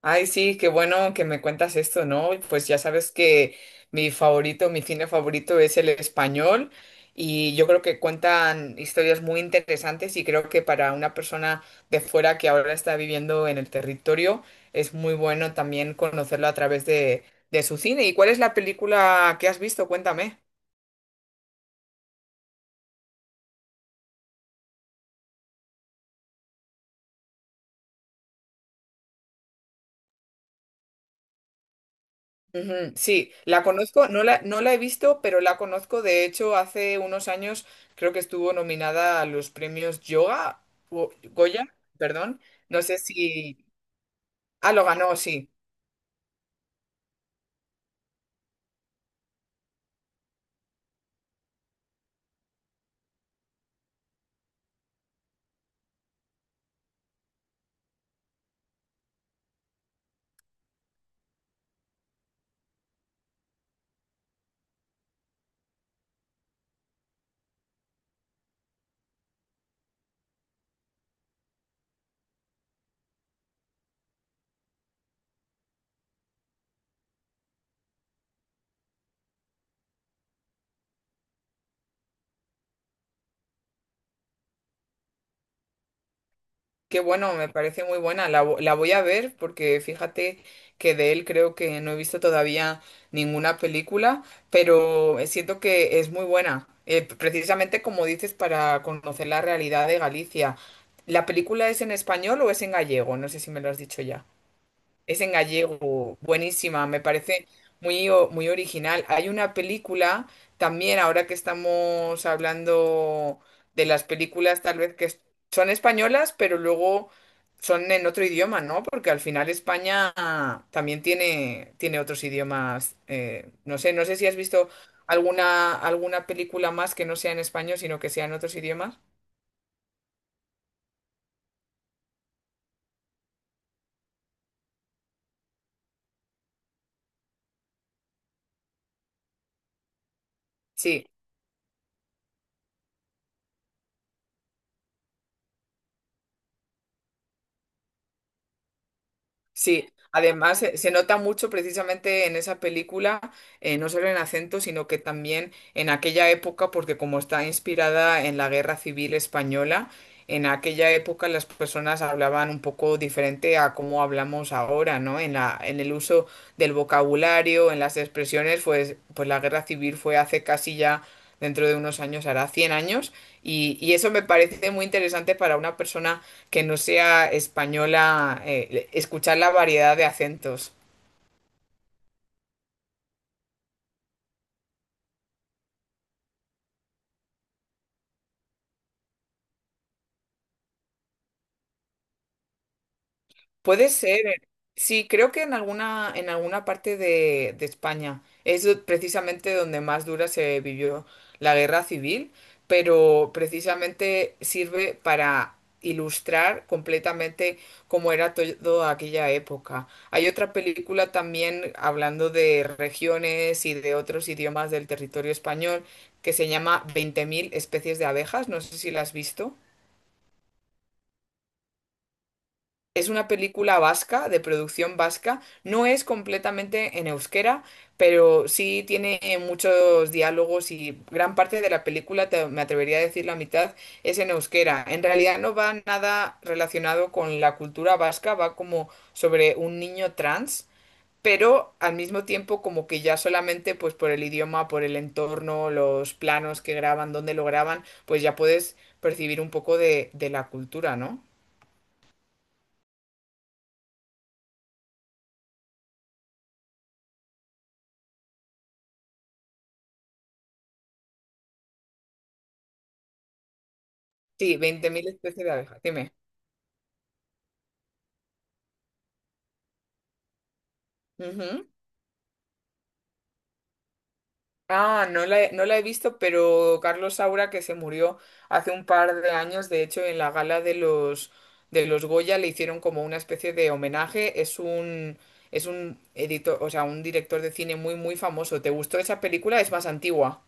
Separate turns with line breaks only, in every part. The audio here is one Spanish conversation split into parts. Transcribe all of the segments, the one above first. Ay, sí, qué bueno que me cuentas esto, ¿no? Pues ya sabes que mi favorito, mi cine favorito es el español y yo creo que cuentan historias muy interesantes y creo que para una persona de fuera que ahora está viviendo en el territorio es muy bueno también conocerlo a través de su cine. ¿Y cuál es la película que has visto? Cuéntame. Ujú, sí, la conozco, no la he visto, pero la conozco. De hecho, hace unos años creo que estuvo nominada a los premios Yoga, Goya, perdón. No sé si... Ah, lo ganó, sí. Qué bueno, me parece muy buena. La voy a ver porque fíjate que de él creo que no he visto todavía ninguna película, pero siento que es muy buena. Precisamente como dices, para conocer la realidad de Galicia. ¿La película es en español o es en gallego? No sé si me lo has dicho ya. Es en gallego, buenísima, me parece muy, muy original. Hay una película también, ahora que estamos hablando de las películas, tal vez, son españolas, pero luego son en otro idioma, ¿no? Porque al final España también tiene otros idiomas. No sé, no sé si has visto alguna película más que no sea en español, sino que sea en otros idiomas. Sí. Sí, además se nota mucho precisamente en esa película, no solo en acento, sino que también en aquella época, porque como está inspirada en la Guerra Civil Española, en aquella época las personas hablaban un poco diferente a cómo hablamos ahora, ¿no? En el uso del vocabulario, en las expresiones, pues la guerra civil fue hace casi ya, dentro de unos años, hará 100 años, y eso me parece muy interesante para una persona que no sea española, escuchar la variedad de acentos. Puede ser. Sí, creo que en alguna parte de España es precisamente donde más dura se vivió la guerra civil, pero precisamente sirve para ilustrar completamente cómo era toda aquella época. Hay otra película también hablando de regiones y de otros idiomas del territorio español que se llama 20.000 especies de abejas, no sé si la has visto. Es una película vasca, de producción vasca. No es completamente en euskera, pero sí tiene muchos diálogos y gran parte de la película, me atrevería a decir la mitad, es en euskera. En realidad no va nada relacionado con la cultura vasca, va como sobre un niño trans, pero al mismo tiempo como que ya solamente pues por el idioma, por el entorno, los planos que graban, dónde lo graban, pues ya puedes percibir un poco de la cultura, ¿no? Sí, 20.000 especies de abejas, dime. Ujú. Ah, no la he visto, pero Carlos Saura, que se murió hace un par de años, de hecho, en la gala de los Goya le hicieron como una especie de homenaje. Es un editor, o sea, un director de cine muy, muy famoso. ¿Te gustó esa película? Es más antigua.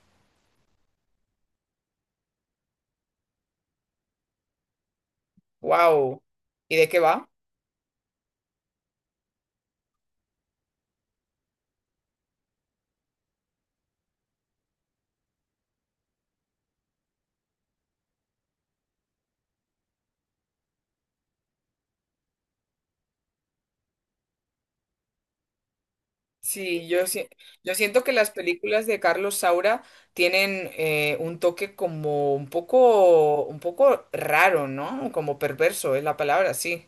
¡Wow! ¿Y de qué va? Sí, yo, si- Yo siento que las películas de Carlos Saura tienen un toque como un poco raro, ¿no? Como perverso es la palabra, sí.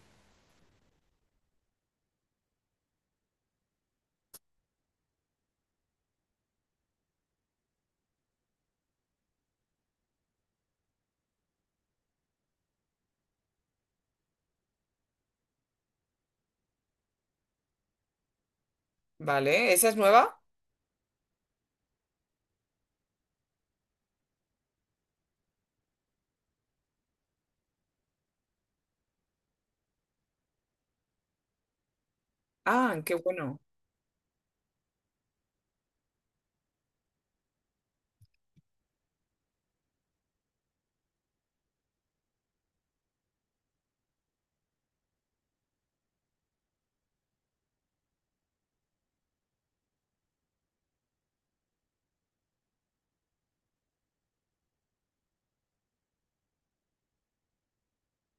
Vale, ¿esa es nueva? Ah, qué bueno.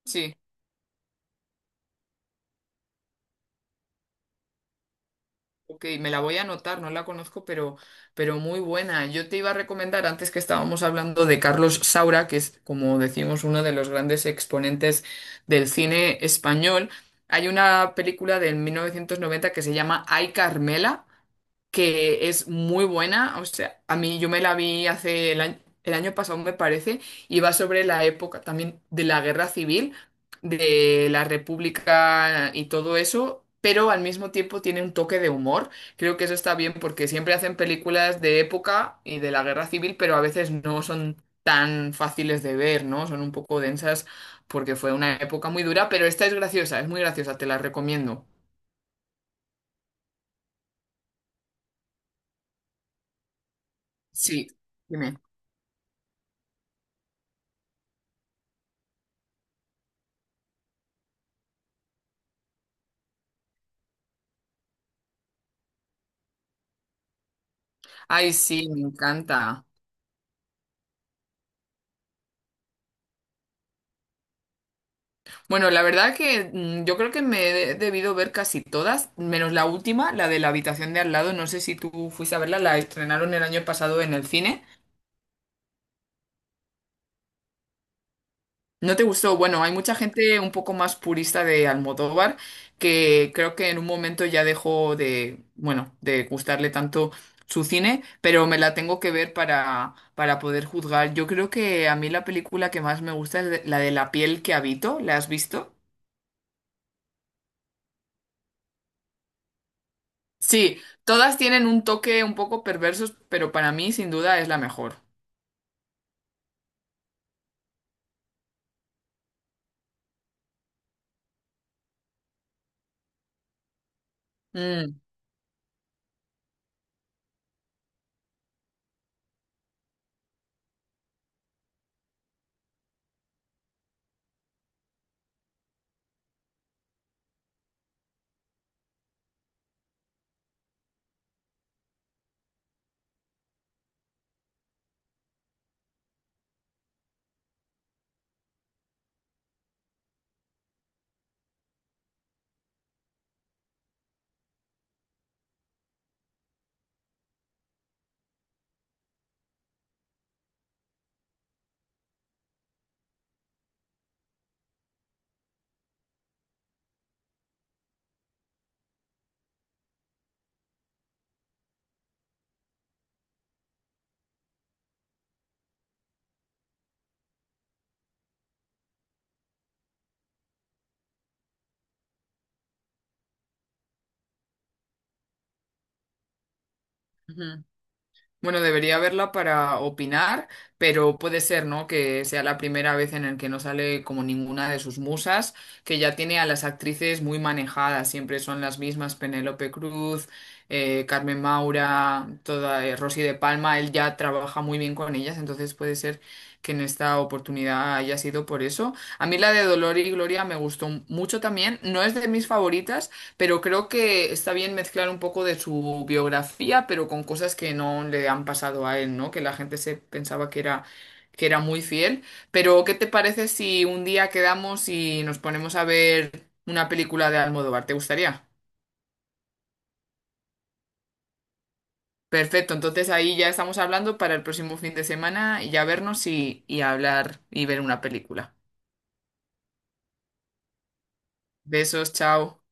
Sí, ok, me la voy a anotar, no la conozco, pero muy buena. Yo te iba a recomendar, antes que estábamos hablando de Carlos Saura, que es, como decimos, uno de los grandes exponentes del cine español, hay una película del 1990 que se llama Ay, Carmela que es muy buena. O sea, a mí yo me la vi hace el año pasado, me parece, y va sobre la época también de la guerra civil, de la República y todo eso. Pero al mismo tiempo tiene un toque de humor. Creo que eso está bien porque siempre hacen películas de época y de la guerra civil, pero a veces no son tan fáciles de ver, ¿no? Son un poco densas porque fue una época muy dura, pero esta es graciosa, es muy graciosa, te la recomiendo. Sí, dime. Ay, sí, me encanta. Bueno, la verdad que yo creo que me he debido ver casi todas, menos la última, la de la habitación de al lado. No sé si tú fuiste a verla, la estrenaron el año pasado en el cine. ¿No te gustó? Bueno, hay mucha gente un poco más purista de Almodóvar que creo que en un momento ya dejó de, bueno, de gustarle tanto su cine, pero me la tengo que ver para poder juzgar. Yo creo que a mí la película que más me gusta es la de La piel que habito. ¿La has visto? Sí, todas tienen un toque un poco perversos, pero para mí sin duda es la mejor. Mm, ujú. Bueno, debería verla para opinar, pero puede ser, ¿no? Que sea la primera vez en el que no sale como ninguna de sus musas, que ya tiene a las actrices muy manejadas, siempre son las mismas, Penélope Cruz, Carmen Maura, toda, Rosy de Palma, él ya trabaja muy bien con ellas, entonces puede ser que en esta oportunidad haya sido por eso. A mí la de Dolor y Gloria me gustó mucho también, no es de mis favoritas, pero creo que está bien mezclar un poco de su biografía, pero con cosas que no le han pasado a él, ¿no? Que la gente se pensaba que era muy fiel. Pero, ¿qué te parece si un día quedamos y nos ponemos a ver una película de Almodóvar? ¿Te gustaría? Perfecto, entonces ahí ya estamos hablando para el próximo fin de semana y ya vernos y hablar y ver una película. Besos, chao.